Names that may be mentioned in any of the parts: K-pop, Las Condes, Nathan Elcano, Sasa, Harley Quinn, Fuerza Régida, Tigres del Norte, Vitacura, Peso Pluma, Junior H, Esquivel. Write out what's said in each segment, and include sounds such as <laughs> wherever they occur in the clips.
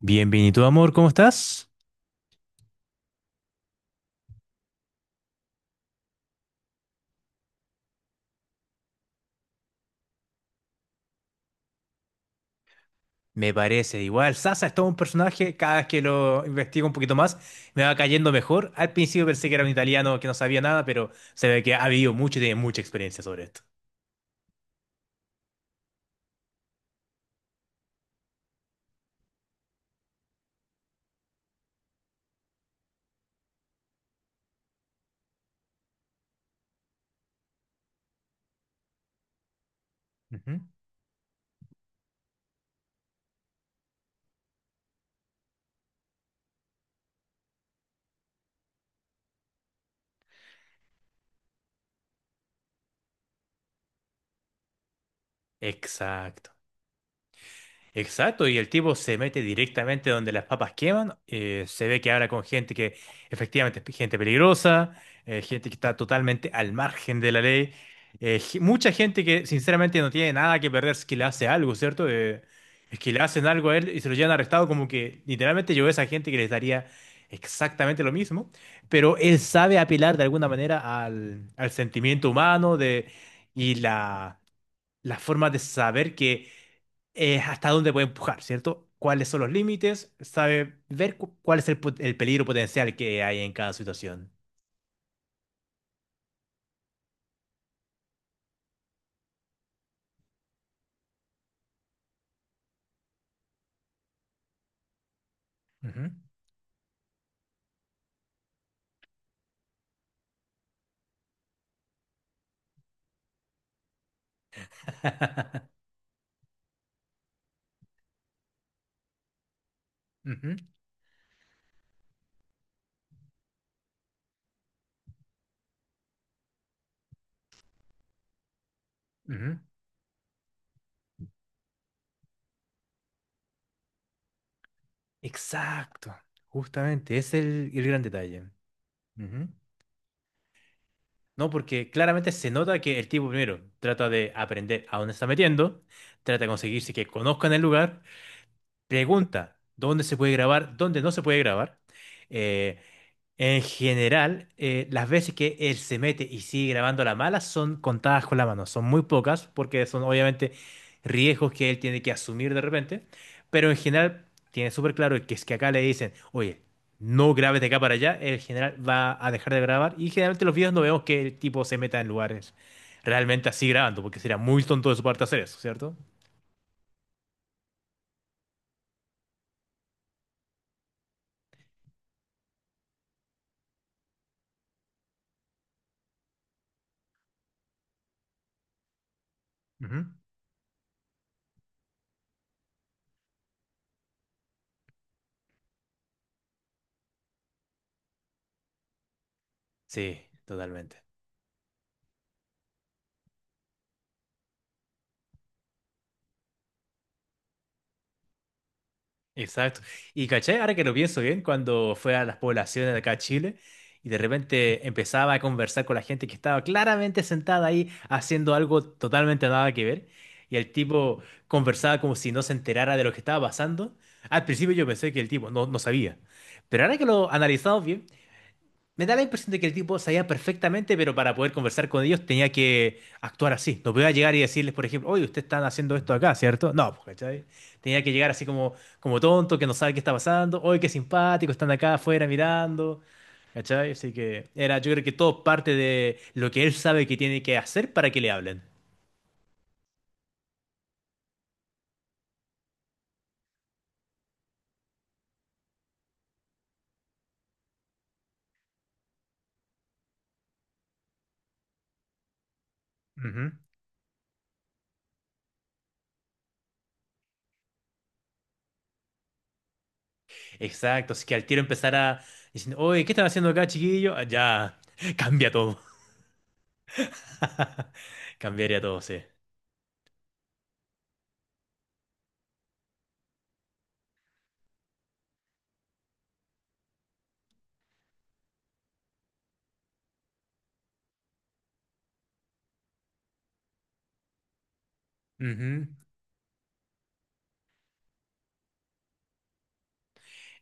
Bien, bien, ¿y tú, amor? ¿Cómo estás? Me parece igual. Sasa es todo un personaje. Cada vez que lo investigo un poquito más, me va cayendo mejor. Al principio pensé que era un italiano que no sabía nada, pero se ve que ha vivido mucho y tiene mucha experiencia sobre esto. Ujú. Exacto. Exacto, y el tipo se mete directamente donde las papas queman, se ve que habla con gente que efectivamente es gente peligrosa, gente que está totalmente al margen de la ley, mucha gente que sinceramente no tiene nada que perder si que le hace algo, ¿cierto? Es que le hacen algo a él y se lo llevan arrestado como que literalmente yo veo a esa gente que les daría exactamente lo mismo, pero él sabe apelar de alguna manera al sentimiento humano de, y la forma de saber que hasta dónde puede empujar, ¿cierto? ¿Cuáles son los límites? Sabe ver cuál es el peligro potencial que hay en cada situación. Ujú. <laughs> Ujú, ujú. Exacto, justamente, ese es el gran detalle. No, porque claramente se nota que el tipo primero trata de aprender a dónde está metiendo, trata de conseguirse que conozcan el lugar. Pregunta, ¿dónde se puede grabar? ¿Dónde no se puede grabar? Eh, en general, las veces que él se mete y sigue grabando a la mala son contadas con la mano, son muy pocas porque son obviamente riesgos que él tiene que asumir de repente, pero en general tiene súper claro que es que acá le dicen, oye, no grabes de acá para allá, el general va a dejar de grabar y generalmente los videos no vemos que el tipo se meta en lugares realmente así grabando porque sería muy tonto de su parte hacer eso, ¿cierto? Ujú. Sí, totalmente. Exacto. Y caché, ahora que lo pienso bien, cuando fue a las poblaciones de acá a Chile y de repente empezaba a conversar con la gente que estaba claramente sentada ahí haciendo algo totalmente nada que ver y el tipo conversaba como si no se enterara de lo que estaba pasando. Al principio yo pensé que el tipo no sabía, pero ahora que lo analizamos bien, me da la impresión de que el tipo sabía perfectamente, pero para poder conversar con ellos tenía que actuar así. No podía llegar y decirles, por ejemplo, oye, ustedes están haciendo esto acá, ¿cierto? No, pues, ¿cachai? Tenía que llegar así como, como tonto, que no sabe qué está pasando. Oye, qué simpático, están acá afuera mirando. ¿Cachai? Así que era, yo creo que todo parte de lo que él sabe que tiene que hacer para que le hablen. Ujú. Exacto, así que al tiro empezara diciendo, oye, ¿qué están haciendo acá, chiquillo? Ah, ya, <laughs> cambia todo. <laughs> Cambiaría todo, sí. Ujú.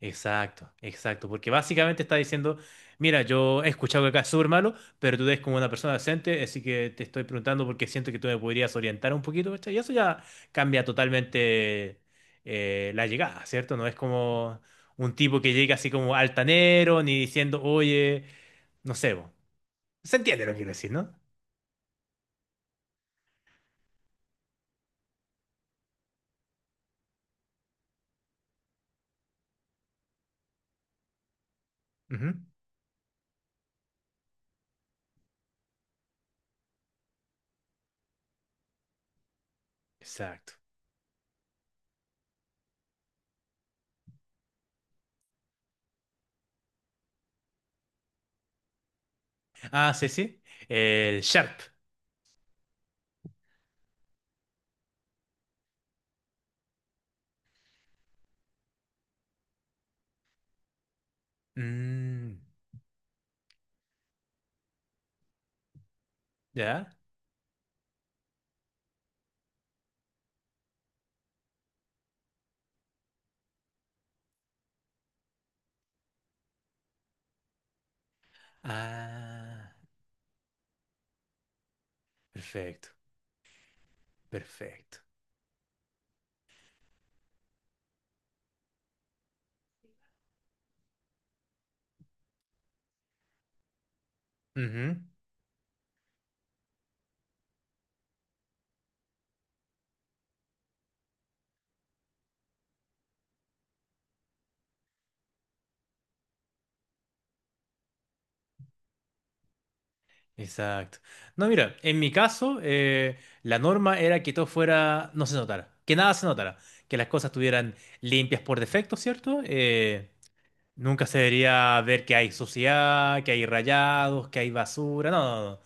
Exacto, exacto, porque básicamente está diciendo, mira, yo he escuchado que acá es súper malo, pero tú eres como una persona decente, así que te estoy preguntando porque siento que tú me podrías orientar un poquito, ¿cachai? Y eso ya cambia totalmente la llegada, ¿cierto? No es como un tipo que llega así como altanero, ni diciendo, oye, no sé, bo". Se entiende lo que quiero decir, ¿no? Ujú. Exacto. Ah, sí, sí, el sharp. Mm, ¿ya? Ah, perfecto, perfecto. Ujú. Exacto. No, mira, en mi caso, la norma era que todo fuera, no se notara, que nada se notara, que las cosas estuvieran limpias por defecto, ¿cierto? Nunca se debería ver que hay suciedad, que hay rayados, que hay basura, no, no, no.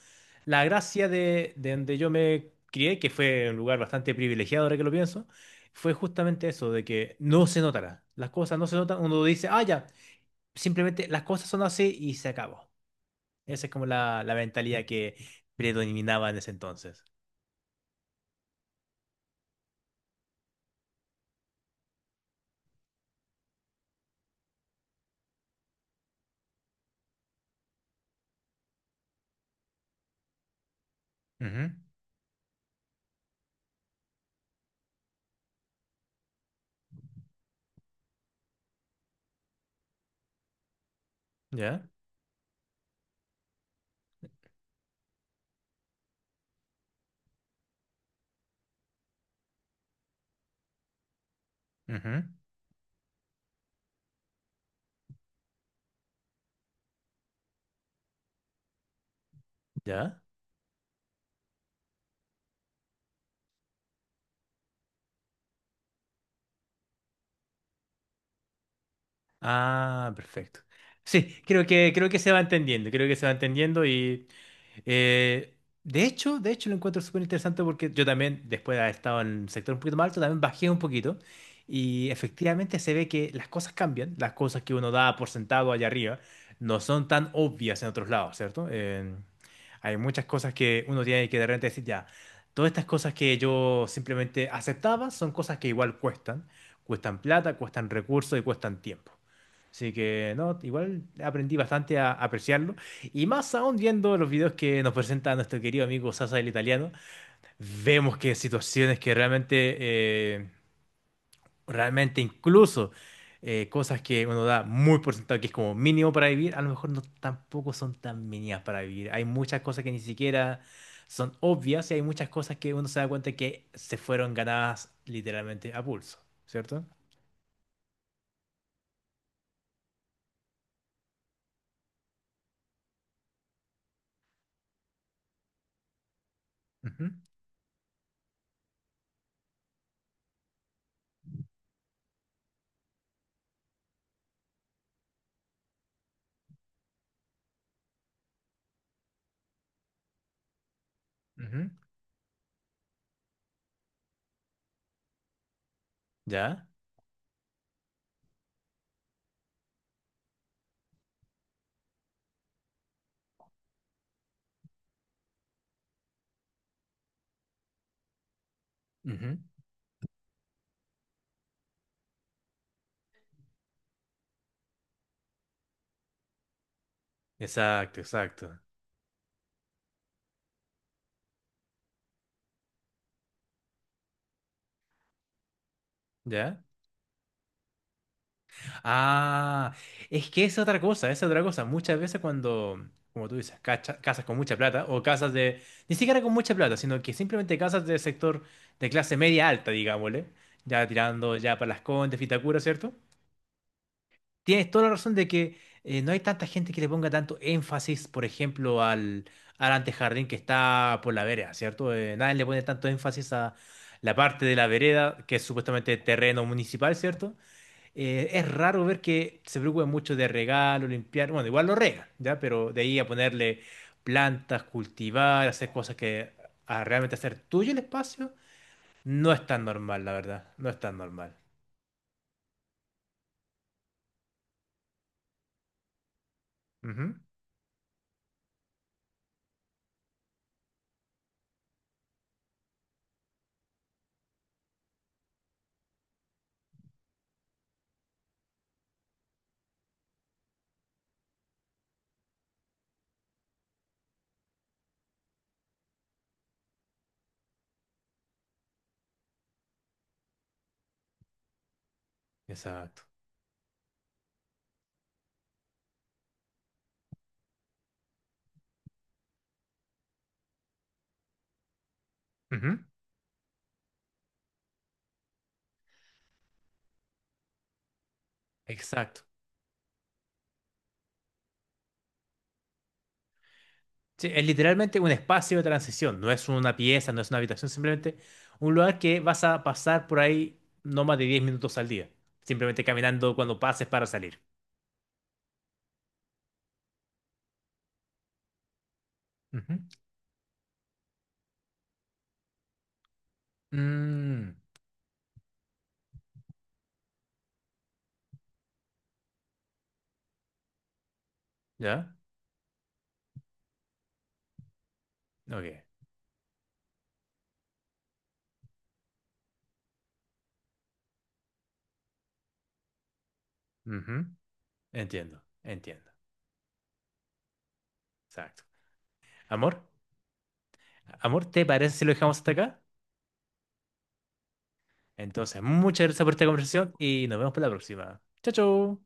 La gracia de donde yo me crié, que fue un lugar bastante privilegiado ahora que lo pienso, fue justamente eso, de que no se notara. Las cosas no se notan, uno dice, ah, ya, simplemente las cosas son así y se acabó. Esa es como la mentalidad que predominaba en ese entonces. Ujú. Ya, ujú, ya. Ah, perfecto. Sí, creo que se va entendiendo, creo que se va entendiendo y Eh, de hecho lo encuentro súper interesante porque yo también, después de haber estado en el sector un poquito más alto, también bajé un poquito y efectivamente se ve que las cosas cambian, las cosas que uno da por sentado allá arriba no son tan obvias en otros lados, ¿cierto? Hay muchas cosas que uno tiene que de repente decir, ya, todas estas cosas que yo simplemente aceptaba son cosas que igual cuestan, cuestan plata, cuestan recursos y cuestan tiempo. Así que, no, igual aprendí bastante a apreciarlo. Y más aún viendo los videos que nos presenta nuestro querido amigo Sasa el italiano, vemos que situaciones que realmente, eh, realmente incluso cosas que uno da muy por sentado que es como mínimo para vivir, a lo mejor no tampoco son tan mínimas para vivir. Hay muchas cosas que ni siquiera son obvias y hay muchas cosas que uno se da cuenta que se fueron ganadas literalmente a pulso, cierto. Ujú, ujú. ¿Ya? Ujú. Exacto, exacto. ¿Ya? Ah, es que es otra cosa, es otra cosa. Muchas veces cuando, como tú dices, casas con mucha plata o casas de, ni siquiera con mucha plata, sino que simplemente casas del sector de clase media alta, digámosle, ya tirando ya para Las Condes, Vitacura, ¿cierto? Tienes toda la razón de que no hay tanta gente que le ponga tanto énfasis, por ejemplo, al antejardín que está por la vereda, ¿cierto? Nadie le pone tanto énfasis a la parte de la vereda, que es supuestamente terreno municipal, ¿cierto? Es raro ver que se preocupen mucho de regalo, limpiar. Bueno, igual lo regan, ¿ya? Pero de ahí a ponerle plantas, cultivar, hacer cosas que a realmente hacer tuyo el espacio, no es tan normal, la verdad. No es tan normal. Ujú. Exacto. Ujú. Exacto. Sí, es literalmente un espacio de transición. No es una pieza, no es una habitación, simplemente un lugar que vas a pasar por ahí no más de 10 minutos al día. Simplemente caminando cuando pases para salir. Ujú. Mm, ¿ya? Ok. Ujú. Entiendo, entiendo. Exacto. Amor, amor, ¿te parece si lo dejamos hasta acá? Entonces, muchas gracias por esta conversación y nos vemos para la próxima. Chao, chao.